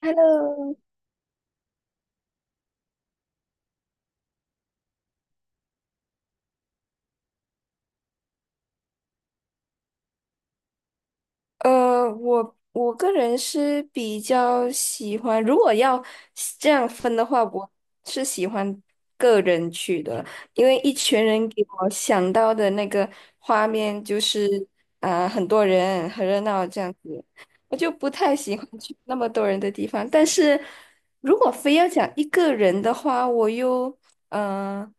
Hello，我个人是比较喜欢，如果要这样分的话，我是喜欢个人去的，因为一群人给我想到的那个画面就是啊、很多人很热闹这样子，我就不太喜欢去那么多人的地方。但是如果非要讲一个人的话，我又呃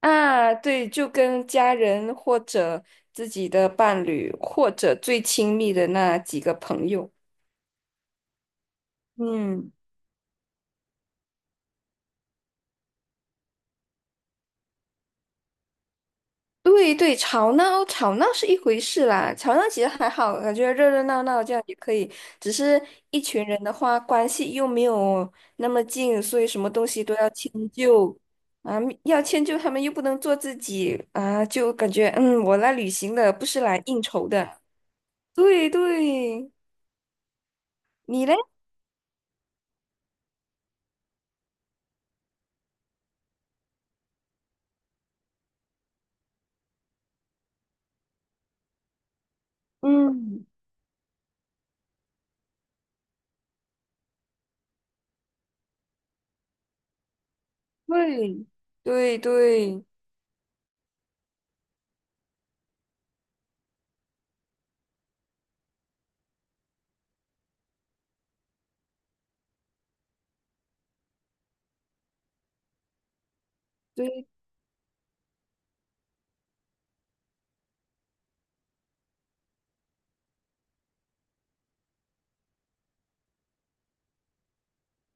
啊，对，就跟家人或者自己的伴侣，或者最亲密的那几个朋友。嗯，对对，吵闹吵闹是一回事啦，吵闹其实还好，感觉热热闹闹这样也可以。只是一群人的话，关系又没有那么近，所以什么东西都要迁就啊，要迁就他们又不能做自己啊，就感觉我来旅行的，不是来应酬的。对对，你嘞？嗯，对对对对，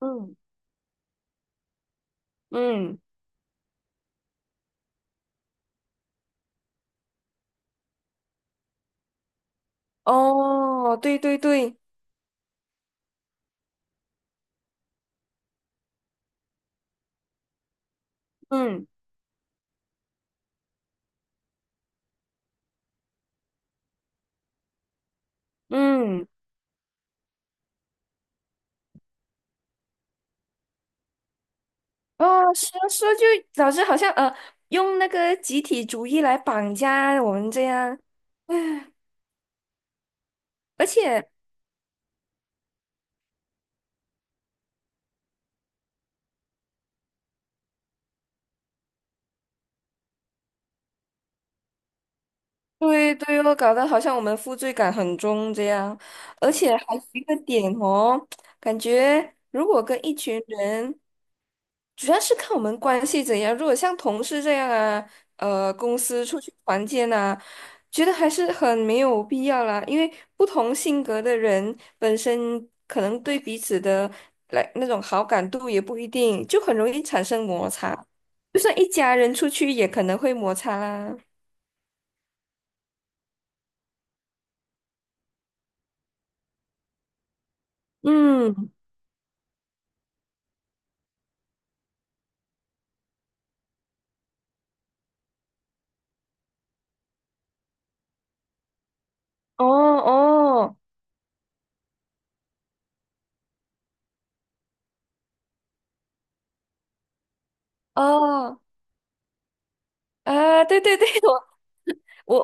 嗯嗯，哦，对对对，嗯嗯，哦，说说就老师好像用那个集体主义来绑架我们这样，而且。对对哦，搞得好像我们负罪感很重这样，而且还有一个点哦，感觉如果跟一群人，主要是看我们关系怎样。如果像同事这样啊，公司出去团建啊，觉得还是很没有必要啦，因为不同性格的人本身可能对彼此的来那种好感度也不一定，就很容易产生摩擦。就算一家人出去，也可能会摩擦啦。嗯。哦哦哦，哎，对对对，我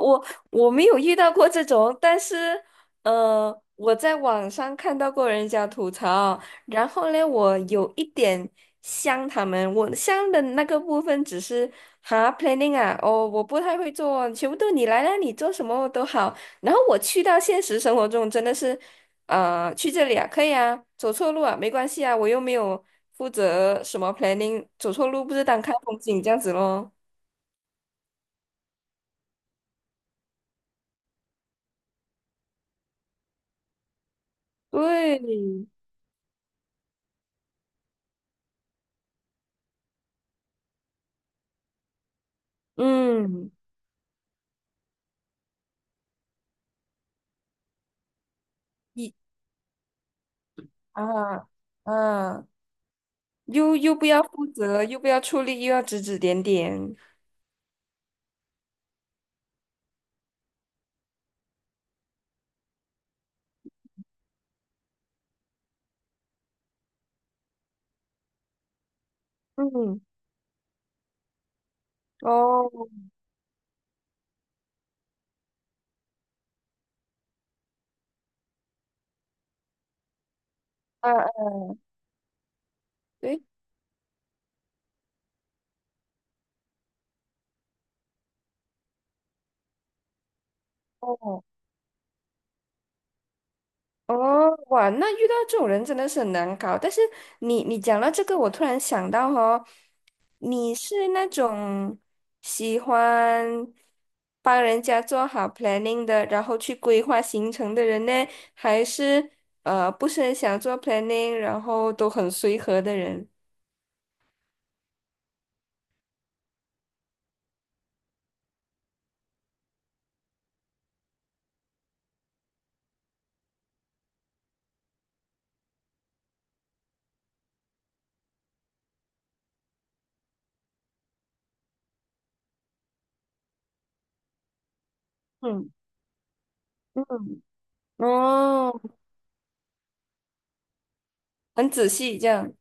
我我没有遇到过这种，但是，我在网上看到过人家吐槽，然后呢，我有一点像他们，我像的那个部分只是planning 啊，哦，我不太会做，全部都你来啦，你做什么都好。然后我去到现实生活中，真的是，去这里啊，可以啊，走错路啊，没关系啊，我又没有负责什么 planning，走错路不是当看风景这样子咯。对，嗯。啊啊，又不要负责，又不要出力，又要指指点点。嗯，哦，啊，啊对，哦，哦，哇，那遇到这种人真的是很难搞。但是你讲到这个，我突然想到哦，你是那种喜欢帮人家做好 planning 的，然后去规划行程的人呢，还是不是很想做 planning，然后都很随和的人？嗯嗯。哦，很仔细这样。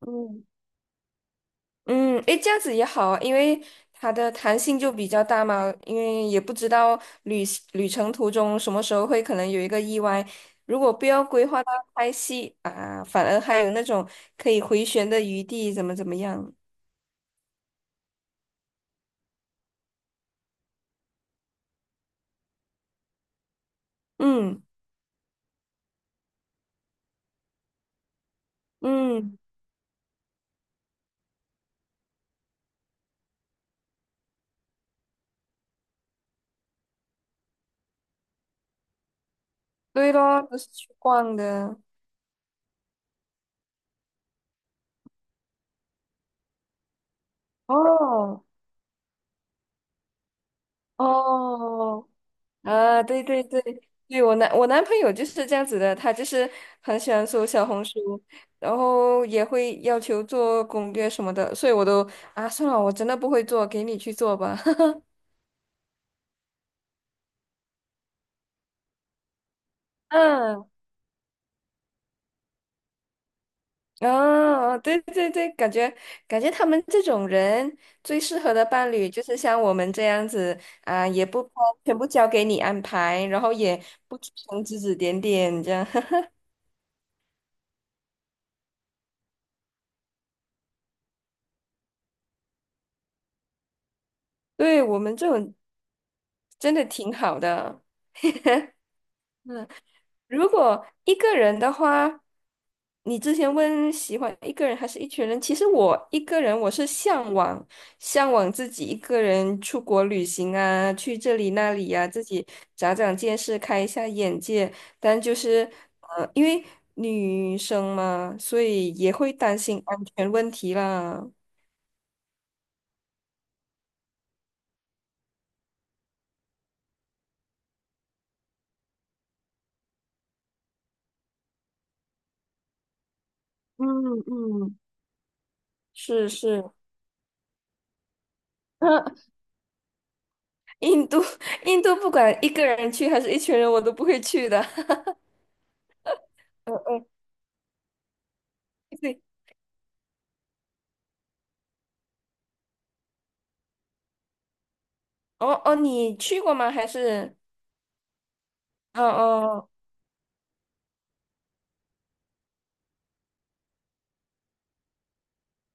嗯嗯，诶，这样子也好啊，因为它的弹性就比较大嘛，因为也不知道旅程途中什么时候会可能有一个意外。如果不要规划到拍戏啊，反而还有那种可以回旋的余地，怎么样？嗯嗯，对咯，都是去逛的。哦哦，啊，对对对，对我男朋友就是这样子的，他就是很喜欢搜小红书，然后也会要求做攻略什么的，所以我都啊算了，我真的不会做，给你去做吧。嗯，啊，对对对，感觉他们这种人最适合的伴侣就是像我们这样子啊，也不全部交给你安排，然后也不出声指指点点这样，对我们这种真的挺好的。如果一个人的话，你之前问喜欢一个人还是一群人，其实我一个人我是向往自己一个人出国旅行啊，去这里那里呀、自己长长见识，开一下眼界。但就是因为女生嘛，所以也会担心安全问题啦。嗯嗯，是是，印度印度不管一个人去还是一群人，我都不会去的。嗯嗯，对。哦哦，你去过吗？还是哦哦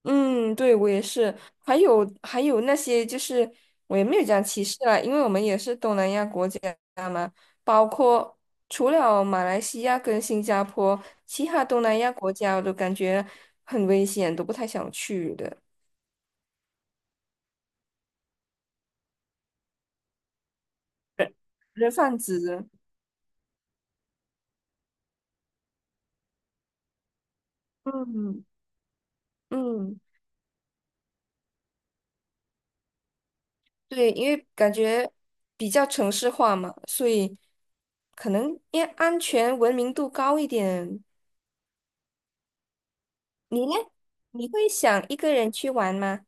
嗯，对我也是。还有那些就是我也没有讲歧视啦，因为我们也是东南亚国家嘛，包括除了马来西亚跟新加坡，其他东南亚国家我都感觉很危险，都不太想去的。人人贩子，嗯嗯，对，因为感觉比较城市化嘛，所以可能因为安全文明度高一点。你呢？你会想一个人去玩吗？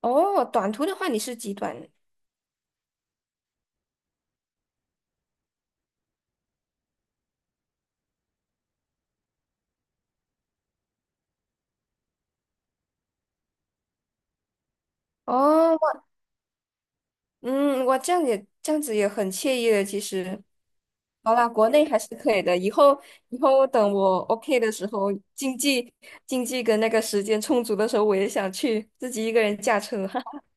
哦，短途的话你是极短哦，我这样也这样子也很惬意的，其实。好啦，国内还是可以的。以后等我 OK 的时候，经济跟那个时间充足的时候，我也想去自己一个人驾车。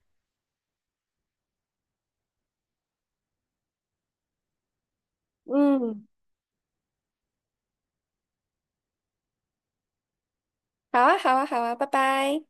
嗯，好啊，好啊，好啊，拜拜。